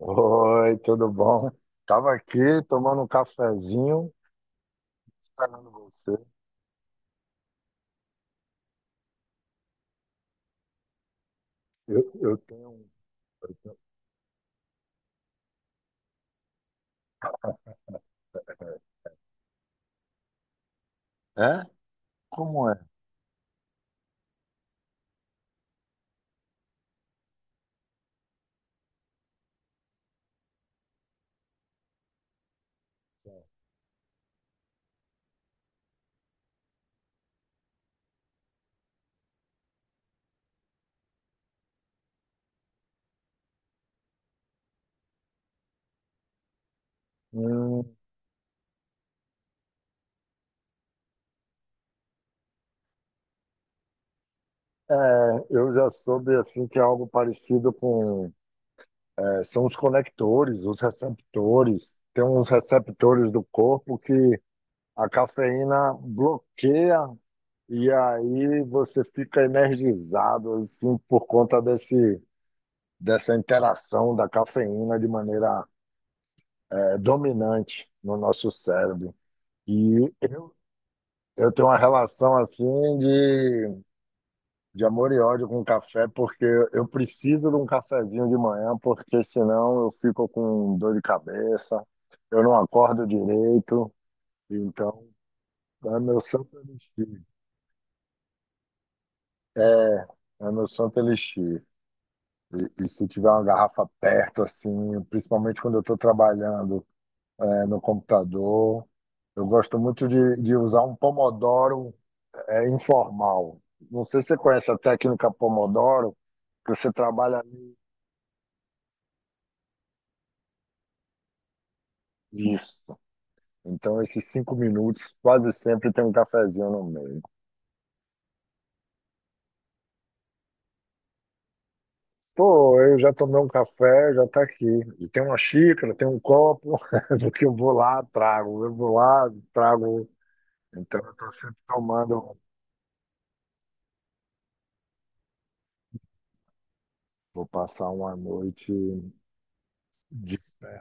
Oi, tudo bom? Tava aqui tomando um cafezinho, esperando você. Eu tenho um. eu tenho- É? Como é? Hum, É, eu já soube assim que é algo parecido com, é, são os conectores, os receptores. Tem uns receptores do corpo que a cafeína bloqueia e aí você fica energizado assim por conta desse, dessa interação da cafeína de maneira, dominante no nosso cérebro. E eu tenho uma relação assim de amor e ódio com o café, porque eu preciso de um cafezinho de manhã, porque senão eu fico com dor de cabeça, eu não acordo direito. Então, é meu santo elixir. É, é meu santo elixir. E se tiver uma garrafa perto, assim, principalmente quando eu estou trabalhando, no computador, eu gosto muito de usar um pomodoro é informal. Não sei se você conhece a técnica Pomodoro, que você trabalha nisso. Então, esses 5 minutos quase sempre tem um cafezinho no meio. Pô, eu já tomei um café, já tá aqui. E tem uma xícara, tem um copo, do que eu vou lá, trago. Eu vou lá, trago. Então, eu tô sempre tomando. Vou passar uma noite de pé.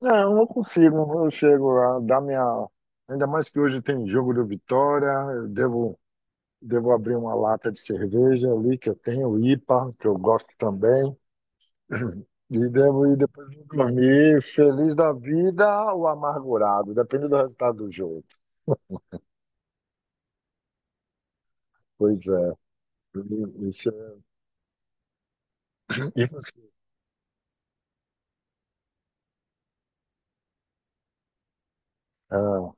Não, eu não consigo. Eu chego lá, dá minha. Ainda mais que hoje tem jogo do Vitória, eu devo devo abrir uma lata de cerveja ali, que eu tenho, IPA, que eu gosto também. E devo ir depois de dormir, feliz da vida ou amargurado, depende do resultado do jogo. Pois é. Isso é. E você? Ah,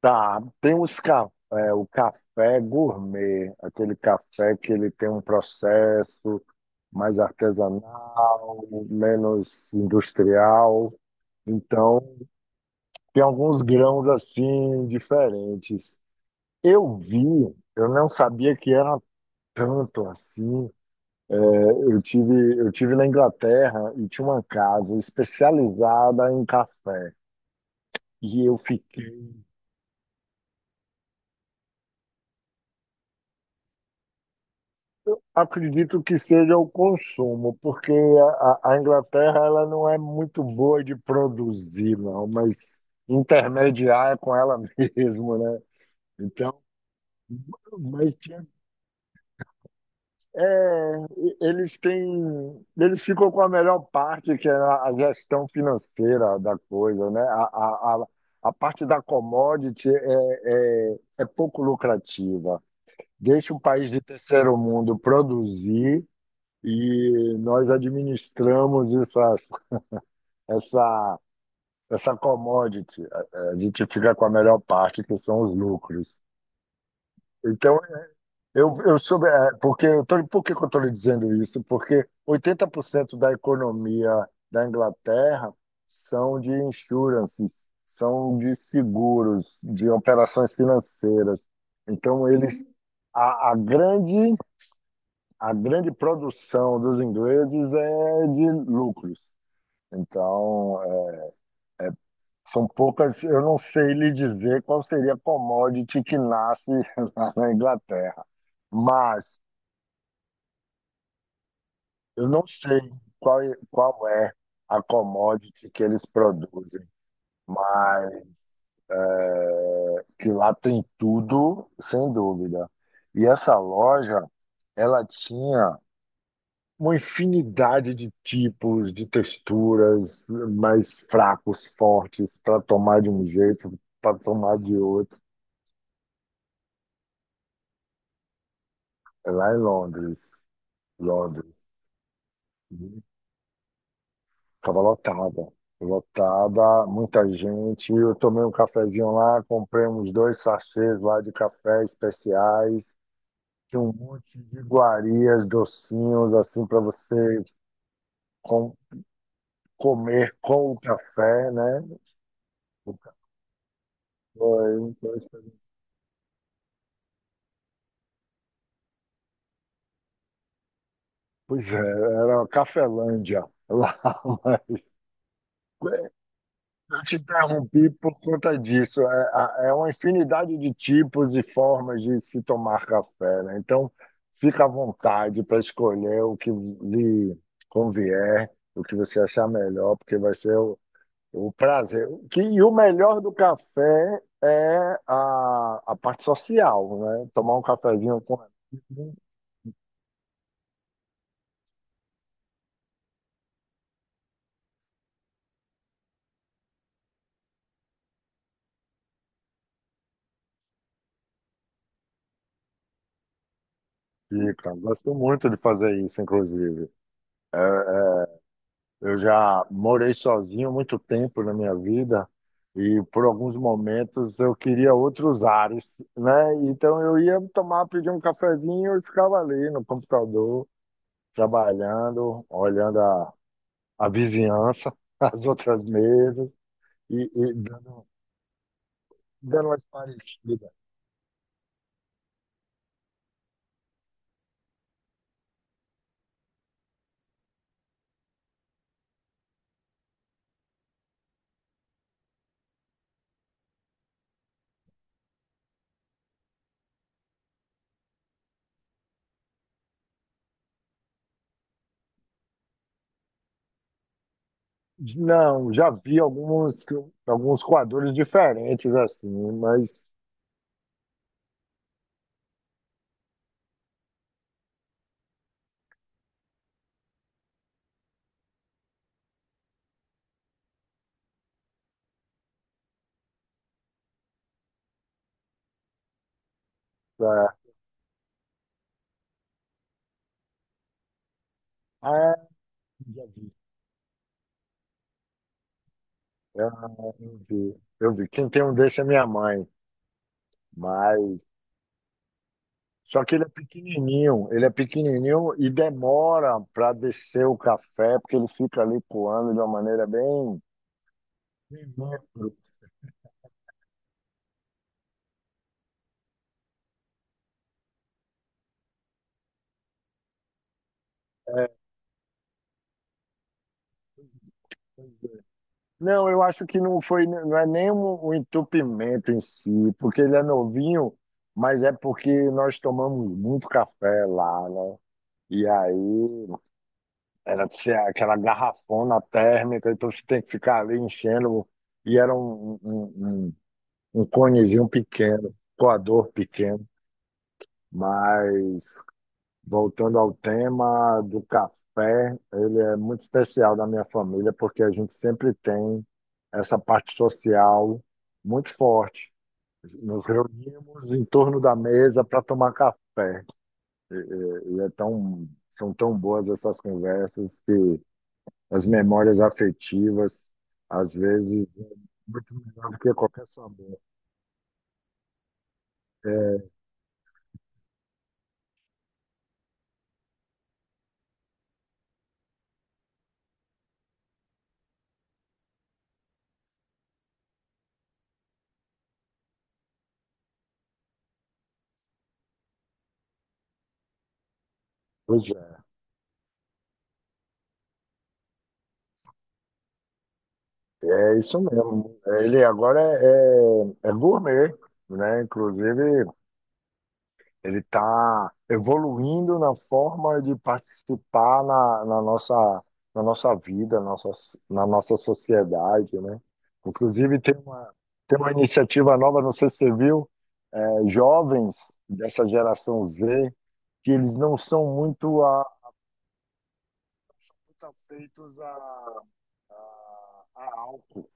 tá, tem os café, o café gourmet, aquele café que ele tem um processo mais artesanal, menos industrial. Então, tem alguns grãos assim diferentes. Eu vi, eu não sabia que era tanto assim. É, eu tive na Inglaterra e tinha uma casa especializada em café. E eu fiquei. Acredito que seja o consumo, porque a Inglaterra ela não é muito boa de produzir, não, mas intermediar é com ela mesmo, né? Então, mas tinha. É, eles ficam com a melhor parte, que é a gestão financeira da coisa, né? A parte da commodity é pouco lucrativa. Deixa o país de terceiro mundo produzir e nós administramos essa, essa commodity. A gente fica com a melhor parte, que são os lucros. Então, Eu soube, porque por que que eu estou lhe dizendo isso? Porque 80% da economia da Inglaterra são de insurances, são de seguros, de operações financeiras. Então, eles, a, a grande, a grande produção dos ingleses é de lucros. Então, são poucas, eu não sei lhe dizer qual seria a commodity que nasce lá na Inglaterra. Mas eu não sei qual é a commodity que eles produzem, mas que lá tem tudo, sem dúvida. E essa loja, ela tinha uma infinidade de tipos, de texturas, mais fracos, fortes, para tomar de um jeito, para tomar de outro. É lá em Londres. Londres. Tava lotada, lotada, muita gente. Eu tomei um cafezinho lá, comprei uns dois sachês lá de café especiais. Tinha um monte de iguarias, docinhos, assim, para você com- comer com o café, né? O café, então. Pois é, era uma Cafelândia lá. Eu te interrompi por conta disso. É, é uma infinidade de tipos e formas de se tomar café, né? Então, fica à vontade para escolher o que lhe convier, o que você achar melhor, porque vai ser o prazer. E o melhor do café é a parte social, né? Tomar um cafezinho com amigo. Fica. Gosto muito de fazer isso, inclusive. É, é, eu já morei sozinho muito tempo na minha vida e por alguns momentos eu queria outros ares, né? Então eu ia tomar, pedir um cafezinho e ficava ali no computador, trabalhando, olhando a vizinhança, as outras mesas e dando umas parecidas. Não, já vi alguns, quadros diferentes assim, mas é, é, já vi. Eu vi. Eu vi. Quem tem um desse é minha mãe, mas só que ele é pequenininho e demora para descer o café, porque ele fica ali coando de uma maneira bem bem. É, pois é. Não, eu acho que não foi, não é nem um entupimento em si, porque ele é novinho, mas é porque nós tomamos muito café lá, né? E aí era assim, aquela garrafona térmica, então você tem que ficar ali enchendo. E era um conezinho pequeno, coador pequeno. Mas, voltando ao tema do café, ele é muito especial da minha família, porque a gente sempre tem essa parte social muito forte. Nos reunimos em torno da mesa para tomar café. E, e- e é tão, são tão boas essas conversas que as memórias afetivas, às vezes, é muito melhor do que qualquer sabor. É, pois é, é isso mesmo. Ele agora é, é gourmet, né? Inclusive, ele está evoluindo na forma de participar na nossa vida, na nossa sociedade, né? Inclusive, tem uma iniciativa nova, não sei se você viu, é, jovens dessa geração Z, que eles não são muito tá feitos a álcool.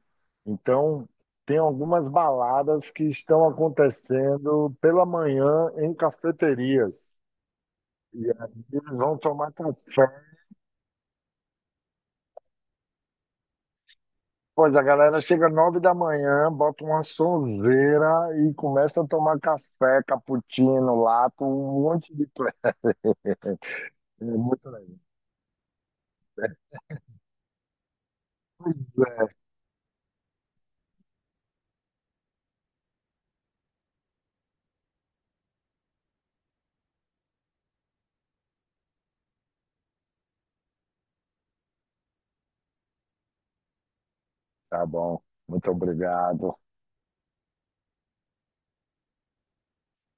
Então, tem algumas baladas que estão acontecendo pela manhã em cafeterias. E aí eles vão tomar café. Pois a galera chega 9 da manhã, bota uma sonzeira e começa a tomar café, cappuccino, lato, um monte de coisa. É muito legal. Pois é, tá bom. Muito obrigado.